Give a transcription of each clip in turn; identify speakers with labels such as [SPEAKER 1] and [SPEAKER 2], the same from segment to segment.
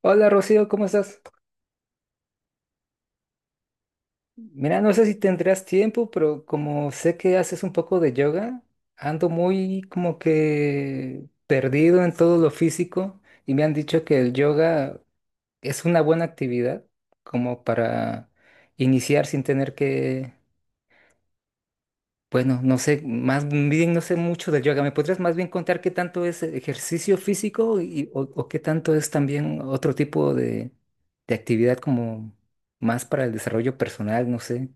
[SPEAKER 1] Hola Rocío, ¿cómo estás? Mira, no sé si tendrás tiempo, pero como sé que haces un poco de yoga, ando muy como que perdido en todo lo físico y me han dicho que el yoga es una buena actividad como para iniciar sin tener que, bueno, no sé, más bien no sé mucho del yoga. ¿Me podrías más bien contar qué tanto es ejercicio físico y, o qué tanto es también otro tipo de actividad como más para el desarrollo personal, no sé?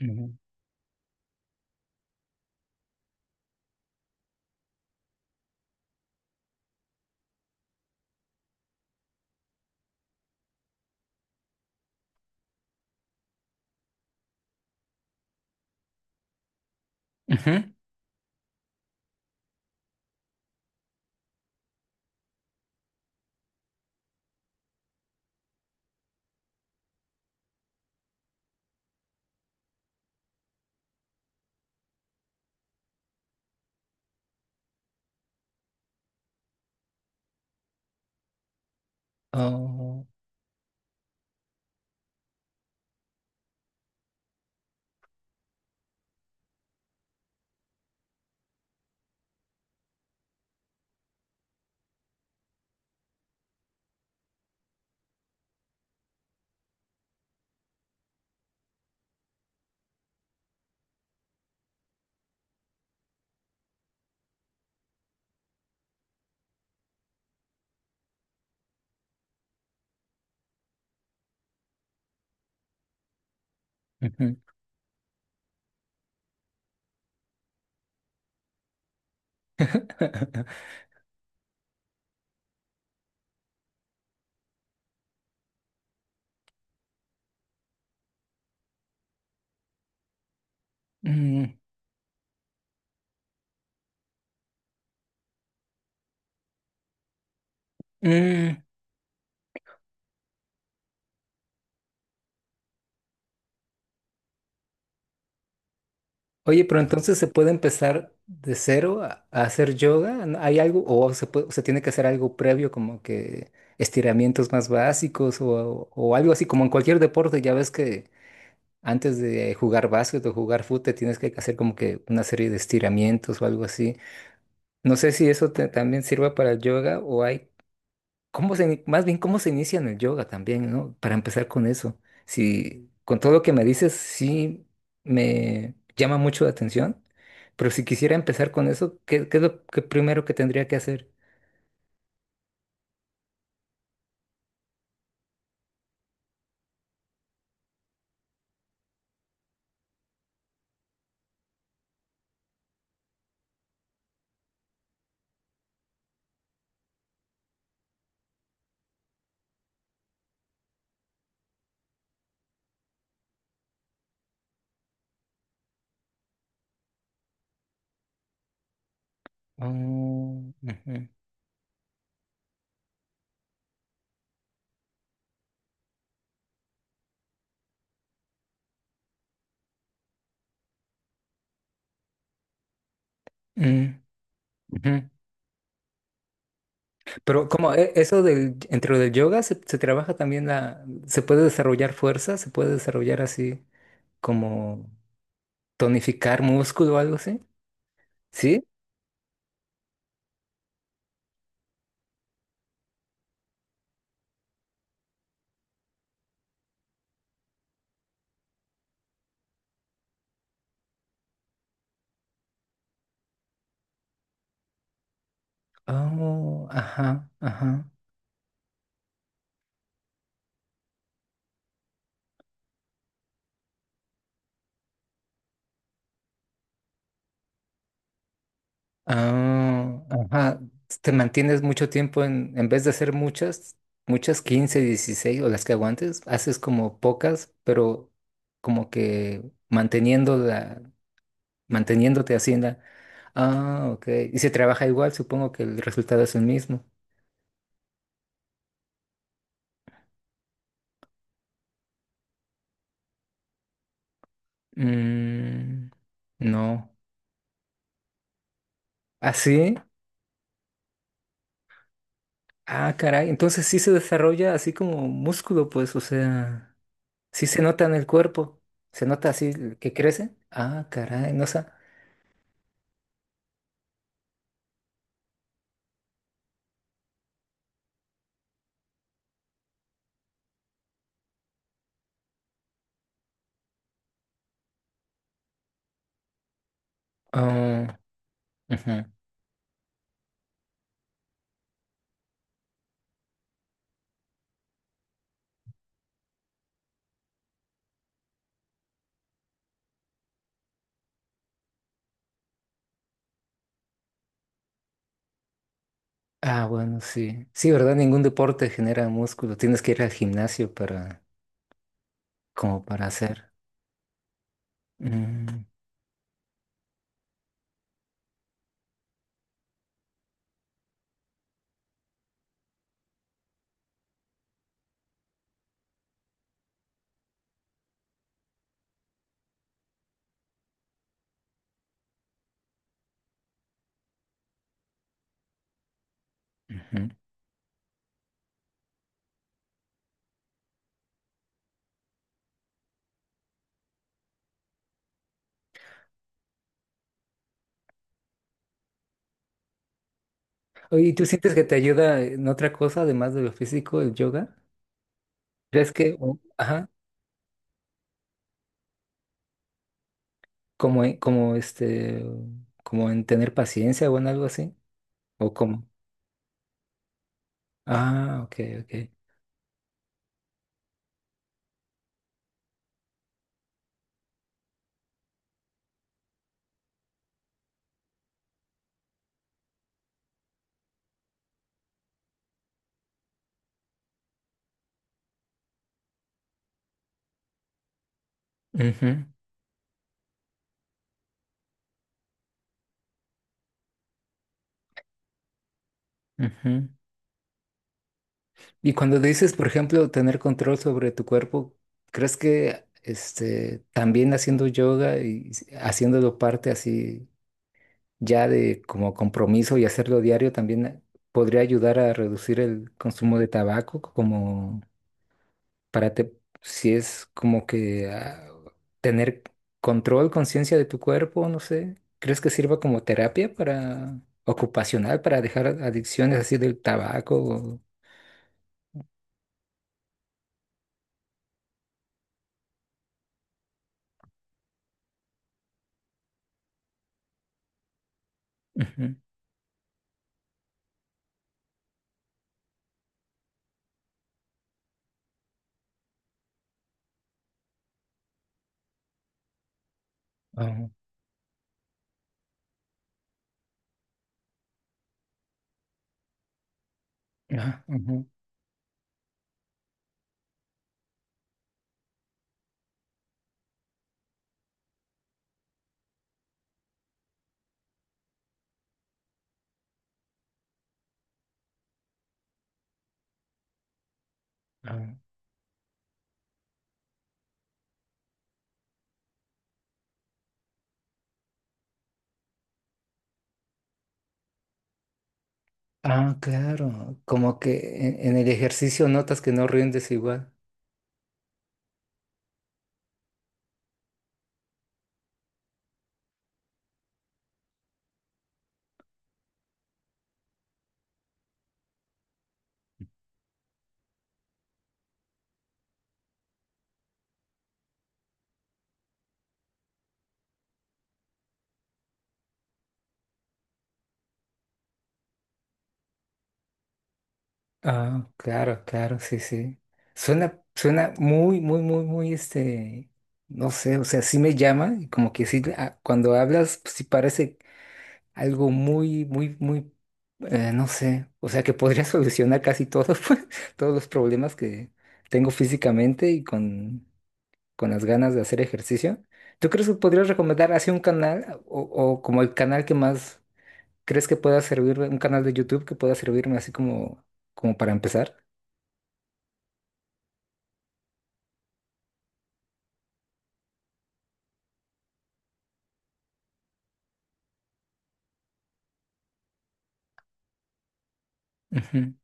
[SPEAKER 1] Ujú. Ujú. Oh, ujú. Mm, mm. Oye, pero entonces se puede empezar de cero a hacer yoga. ¿No? ¿Hay algo? ¿O se tiene que hacer algo previo, como que estiramientos más básicos o algo así, como en cualquier deporte? Ya ves que antes de jugar básquet o jugar fútbol te tienes que hacer como que una serie de estiramientos o algo así. No sé si eso también sirva para el yoga o hay. ¿Cómo más bien cómo se inicia en el yoga también, ¿no? Para empezar con eso. Si con todo lo que me dices, sí me llama mucho la atención, pero si quisiera empezar con eso, ¿¿qué es lo que primero que tendría que hacer? Oh, ujú, mm, ujú. Pero como eso dentro del yoga se trabaja también se puede desarrollar fuerza, se puede desarrollar así como tonificar músculo o algo así, ¿sí? Oh, ajá, ajá. Ah, ajá. Te mantienes mucho tiempo en vez de hacer muchas, muchas 15, 16 o las que aguantes, haces como pocas, pero como que manteniendo manteniéndote así en la. Ah, ok. Y se trabaja igual, supongo que el resultado es el mismo. Mm, no. ¿Ah, sí? Ah, caray. Entonces sí se desarrolla así como músculo, pues, o sea, sí se nota en el cuerpo. Se nota así que crece. Ah, caray, no sé. Ah, ujú. Ah, bueno, sí. Sí, ¿verdad? Ningún deporte genera músculo. Tienes que ir al gimnasio para, como para hacer. Mm, ujú. Oye, ¿y tú sientes que te ayuda en otra cosa además de lo físico, el yoga? ¿Crees que, ajá, como, como este, como en tener paciencia o en algo así? ¿O cómo? Ah, ok, ok. Ujú, ujú. Y cuando dices, por ejemplo, tener control sobre tu cuerpo, ¿crees que este, también haciendo yoga y haciéndolo parte así ya de como compromiso y hacerlo diario también podría ayudar a reducir el consumo de tabaco como para si es como que tener control, conciencia de tu cuerpo, no sé, ¿crees que sirva como terapia para ocupacional para dejar adicciones así del tabaco? Ujú. Ah, ah, ujú. Ah, ah, claro, como que en el ejercicio notas que no rindes igual. Ah, claro, claro, sí, sí. Suena muy, muy, muy, muy, no sé, o sea, sí me llama y como que sí, cuando hablas, pues, sí parece algo muy, muy, muy, no sé, o sea, que podría solucionar casi todos, pues, todos los problemas que tengo físicamente y con las ganas de hacer ejercicio. ¿Tú crees que podrías recomendar así un canal o como el canal que más crees que pueda servirme, un canal de YouTube que pueda servirme así como para empezar? Ujú,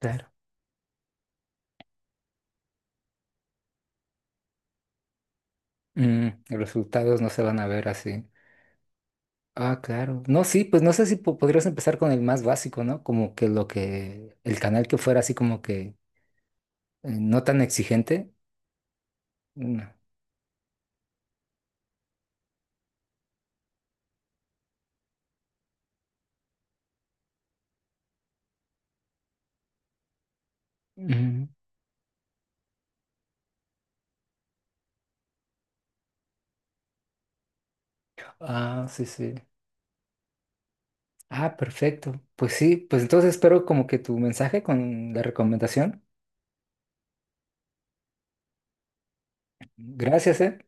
[SPEAKER 1] claro. Mm, los resultados no se van a ver así. Ah, claro. No, sí, pues no sé si podrías empezar con el más básico, ¿no? Como que el canal que fuera así como que no tan exigente. Mm, ujú. Ah, sí, sí. Ah, perfecto. Pues sí, pues entonces espero como que tu mensaje con la recomendación. Gracias, ¿eh?